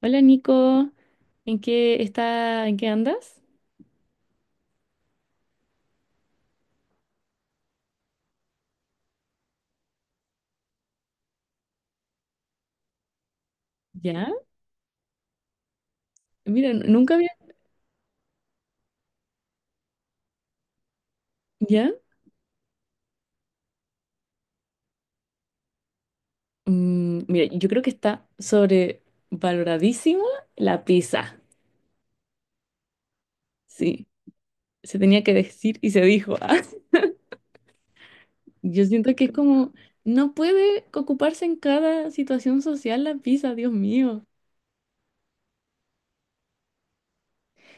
Hola Nico, ¿en qué está, en qué andas? ¿Ya? Mira, nunca había... ¿Ya? Mira, yo creo que está sobrevaloradísima la pizza. Sí, se tenía que decir y se dijo. Ah, yo siento que es como, no puede ocuparse en cada situación social la pizza, Dios mío.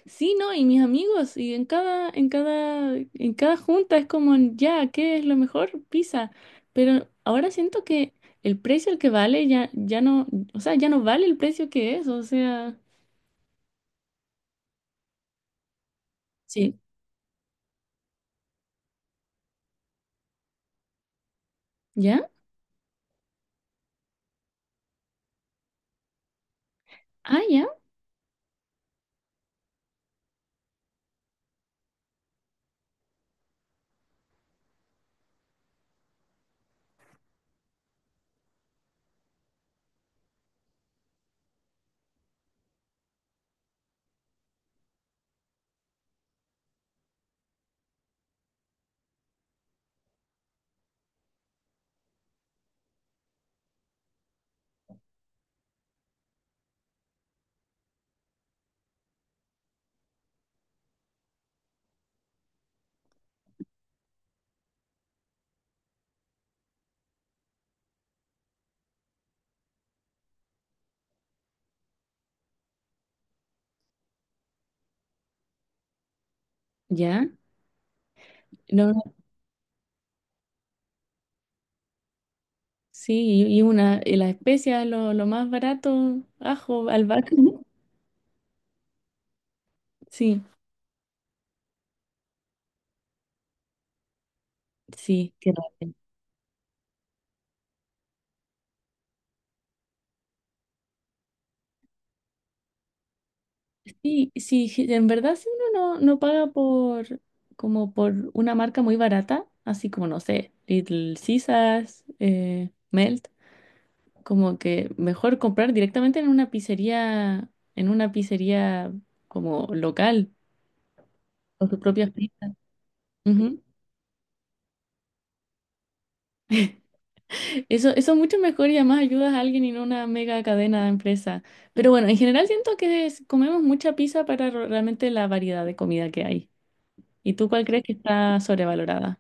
Sí, ¿no? Y mis amigos, y en cada, en cada junta es como, ya, ¿qué es lo mejor? Pizza. Pero ahora siento que el precio al que vale ya, ya no, o sea, ya no vale el precio que es, o sea, sí, ¿ya? Ah, ya, ya. No, no, sí, y una, y las especias, lo más barato, ajo, albahaca. Sí, sí, qué raro. Sí, sí, en verdad si uno no, no paga por como por una marca muy barata, así como no sé, Little Caesars, Melt, como que mejor comprar directamente en una pizzería, en una pizzería como local, con sus propias pizzas. Ujú. Eso es mucho mejor y además ayudas a alguien y no una mega cadena de empresa. Pero bueno, en general siento que comemos mucha pizza para realmente la variedad de comida que hay. ¿Y tú cuál crees que está sobrevalorada?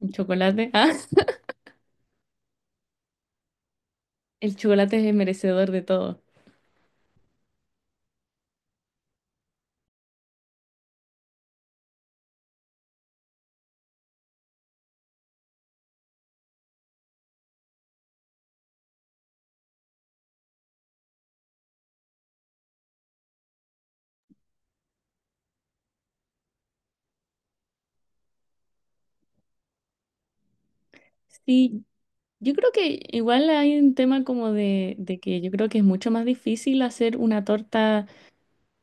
El chocolate. Ah, el chocolate es merecedor de todo. Sí, yo creo que igual hay un tema como de que yo creo que es mucho más difícil hacer una torta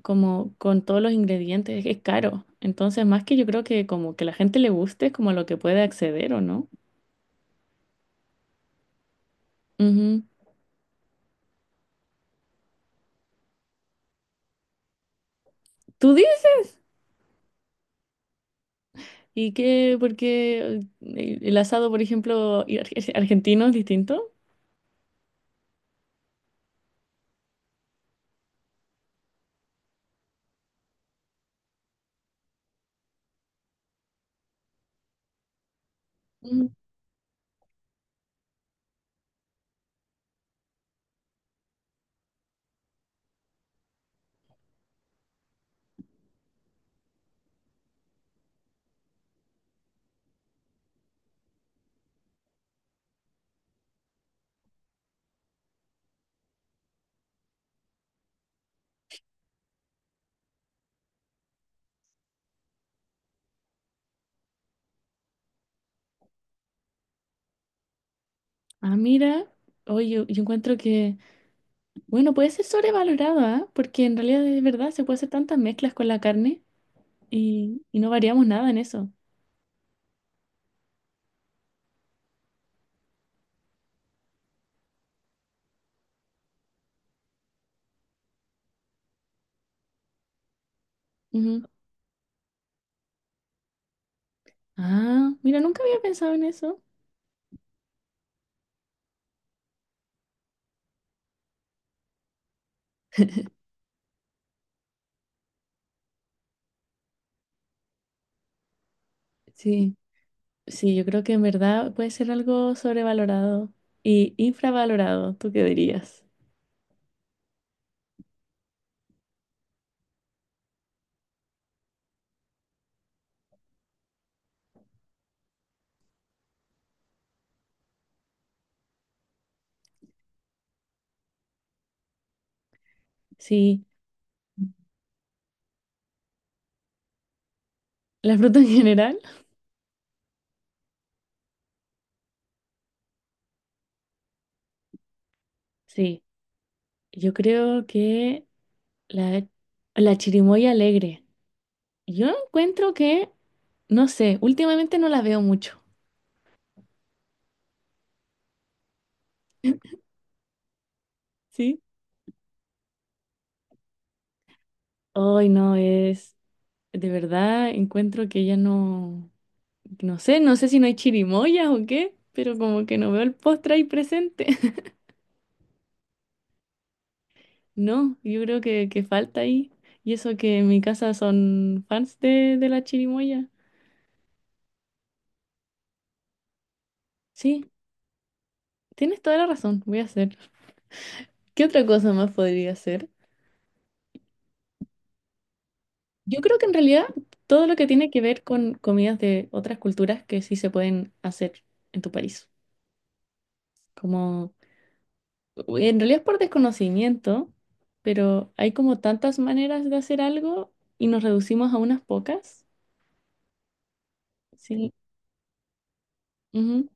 como con todos los ingredientes, es que es caro. Entonces, más que yo creo que como que la gente le guste es como lo que puede acceder o no. Ujú. ¿Tú dices? ¿Y qué? Porque el asado, por ejemplo, y argentino es distinto. Mm. Ah, mira. Oye, yo encuentro que, bueno, puede ser sobrevalorado, ¿ah? Porque en realidad es verdad, se puede hacer tantas mezclas con la carne y no variamos nada en eso. Ujú. Ah, mira, nunca había pensado en eso. Sí, sí, yo creo que en verdad puede ser algo sobrevalorado y infravalorado, ¿tú qué dirías? Sí, la fruta en general. Sí, yo creo que la, la chirimoya alegre. Yo encuentro que, no sé, últimamente no la veo mucho. ¿Sí? Hoy no es. De verdad encuentro que ya no, no sé, no sé si no hay chirimoyas o qué, pero como que no veo el postre ahí presente. No, yo creo que falta ahí. Y eso que en mi casa son fans de la chirimoya. Sí, tienes toda la razón, voy a hacer. ¿Qué otra cosa más podría hacer? Yo creo que en realidad todo lo que tiene que ver con comidas de otras culturas que sí se pueden hacer en tu país. Como... uy, en realidad es por desconocimiento, pero hay como tantas maneras de hacer algo y nos reducimos a unas pocas. Sí. Ujú.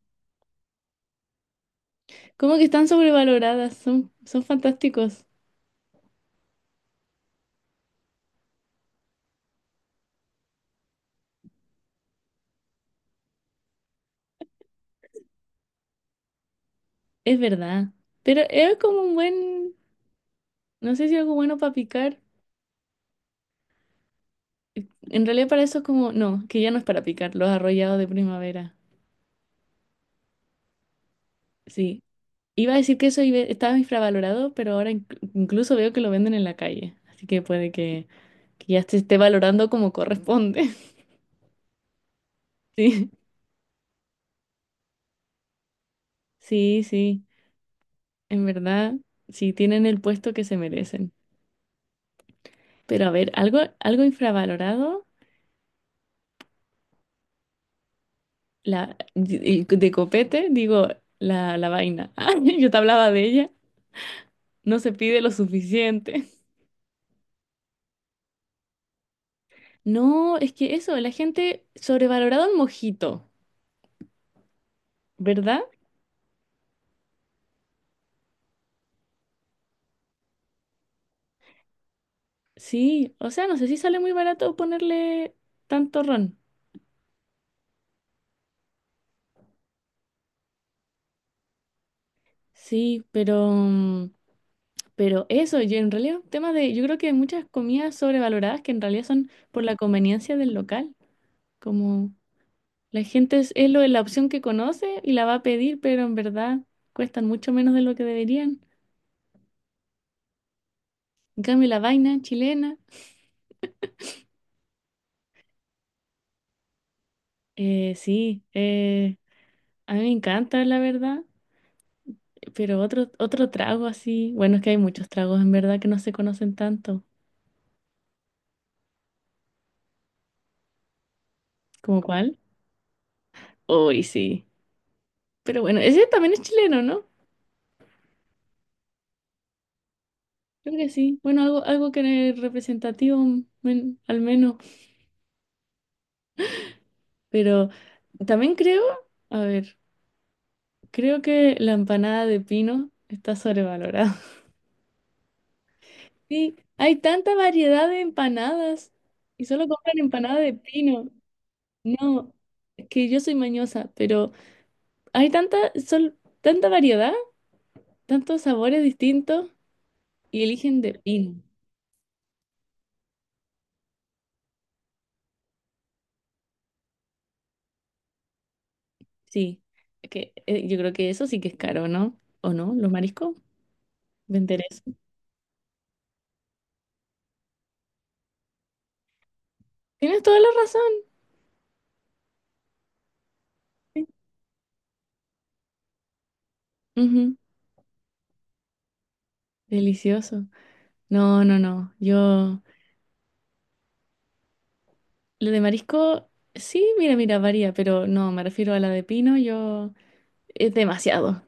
Como que están sobrevaloradas, son, son fantásticos, es verdad. Pero es como un buen, no sé si algo bueno para picar. En realidad para eso es como, no, que ya no es para picar, los arrollados de primavera. Sí. Iba a decir que eso estaba infravalorado, pero ahora incluso veo que lo venden en la calle. Así que puede que ya se esté valorando como corresponde. Sí. Sí, sí, en verdad, sí tienen el puesto que se merecen. Pero a ver, algo, algo infravalorado, la y de copete, digo, la vaina. Ah, yo te hablaba de ella, no se pide lo suficiente. No, es que eso, la gente sobrevalorado el mojito, ¿verdad? Sí, o sea, no sé si sale muy barato ponerle tanto ron. Sí, pero mm, pero eso, yo en realidad, tema de, yo creo que hay muchas comidas sobrevaloradas que en realidad son por la conveniencia del local. Como la gente es lo de la opción que conoce y la va a pedir, pero en verdad cuestan mucho menos de lo que deberían. En cambio, la vaina chilena, sí, a mí me encanta, la verdad. Pero otro, otro trago así, bueno, es que hay muchos tragos en verdad que no se conocen tanto. ¿Como cuál? Uy, sí. Pero bueno, ese también es chileno, ¿no? Creo que sí. Bueno, algo, algo que es representativo, al menos. Pero también creo, a ver, creo que la empanada de pino está sobrevalorada. Sí, hay tanta variedad de empanadas y solo compran empanada de pino. No, es que yo soy mañosa, pero hay tanta, tanta variedad, tantos sabores distintos y eligen de pino. Sí, es que yo creo que eso sí que es caro, ¿no? ¿O no? ¿Los mariscos? ¿Vender eso? Tienes toda la razón. Sí. Ujú. Delicioso. No, no, no. Yo, la de marisco, sí, mira, mira, varía, pero no, me refiero a la de pino, yo, es demasiado,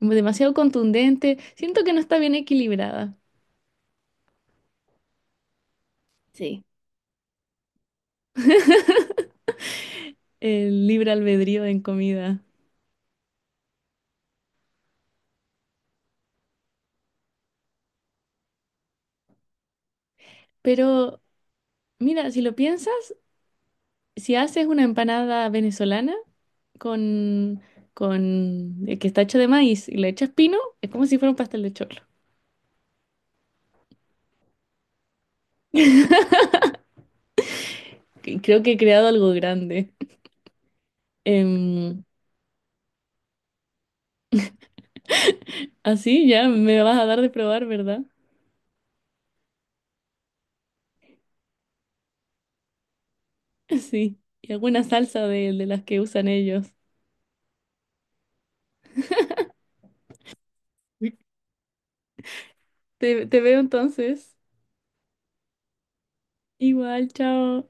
demasiado contundente. Siento que no está bien equilibrada. Sí. El libre albedrío en comida. Pero, mira, si lo piensas, si haces una empanada venezolana con, que está hecho de maíz y le echas pino, es como si fuera un pastel de choclo. Creo que he creado algo grande. Em, así ya me vas a dar de probar, ¿verdad? Sí. Y alguna salsa de las que usan ellos. Te veo entonces. Igual, chao.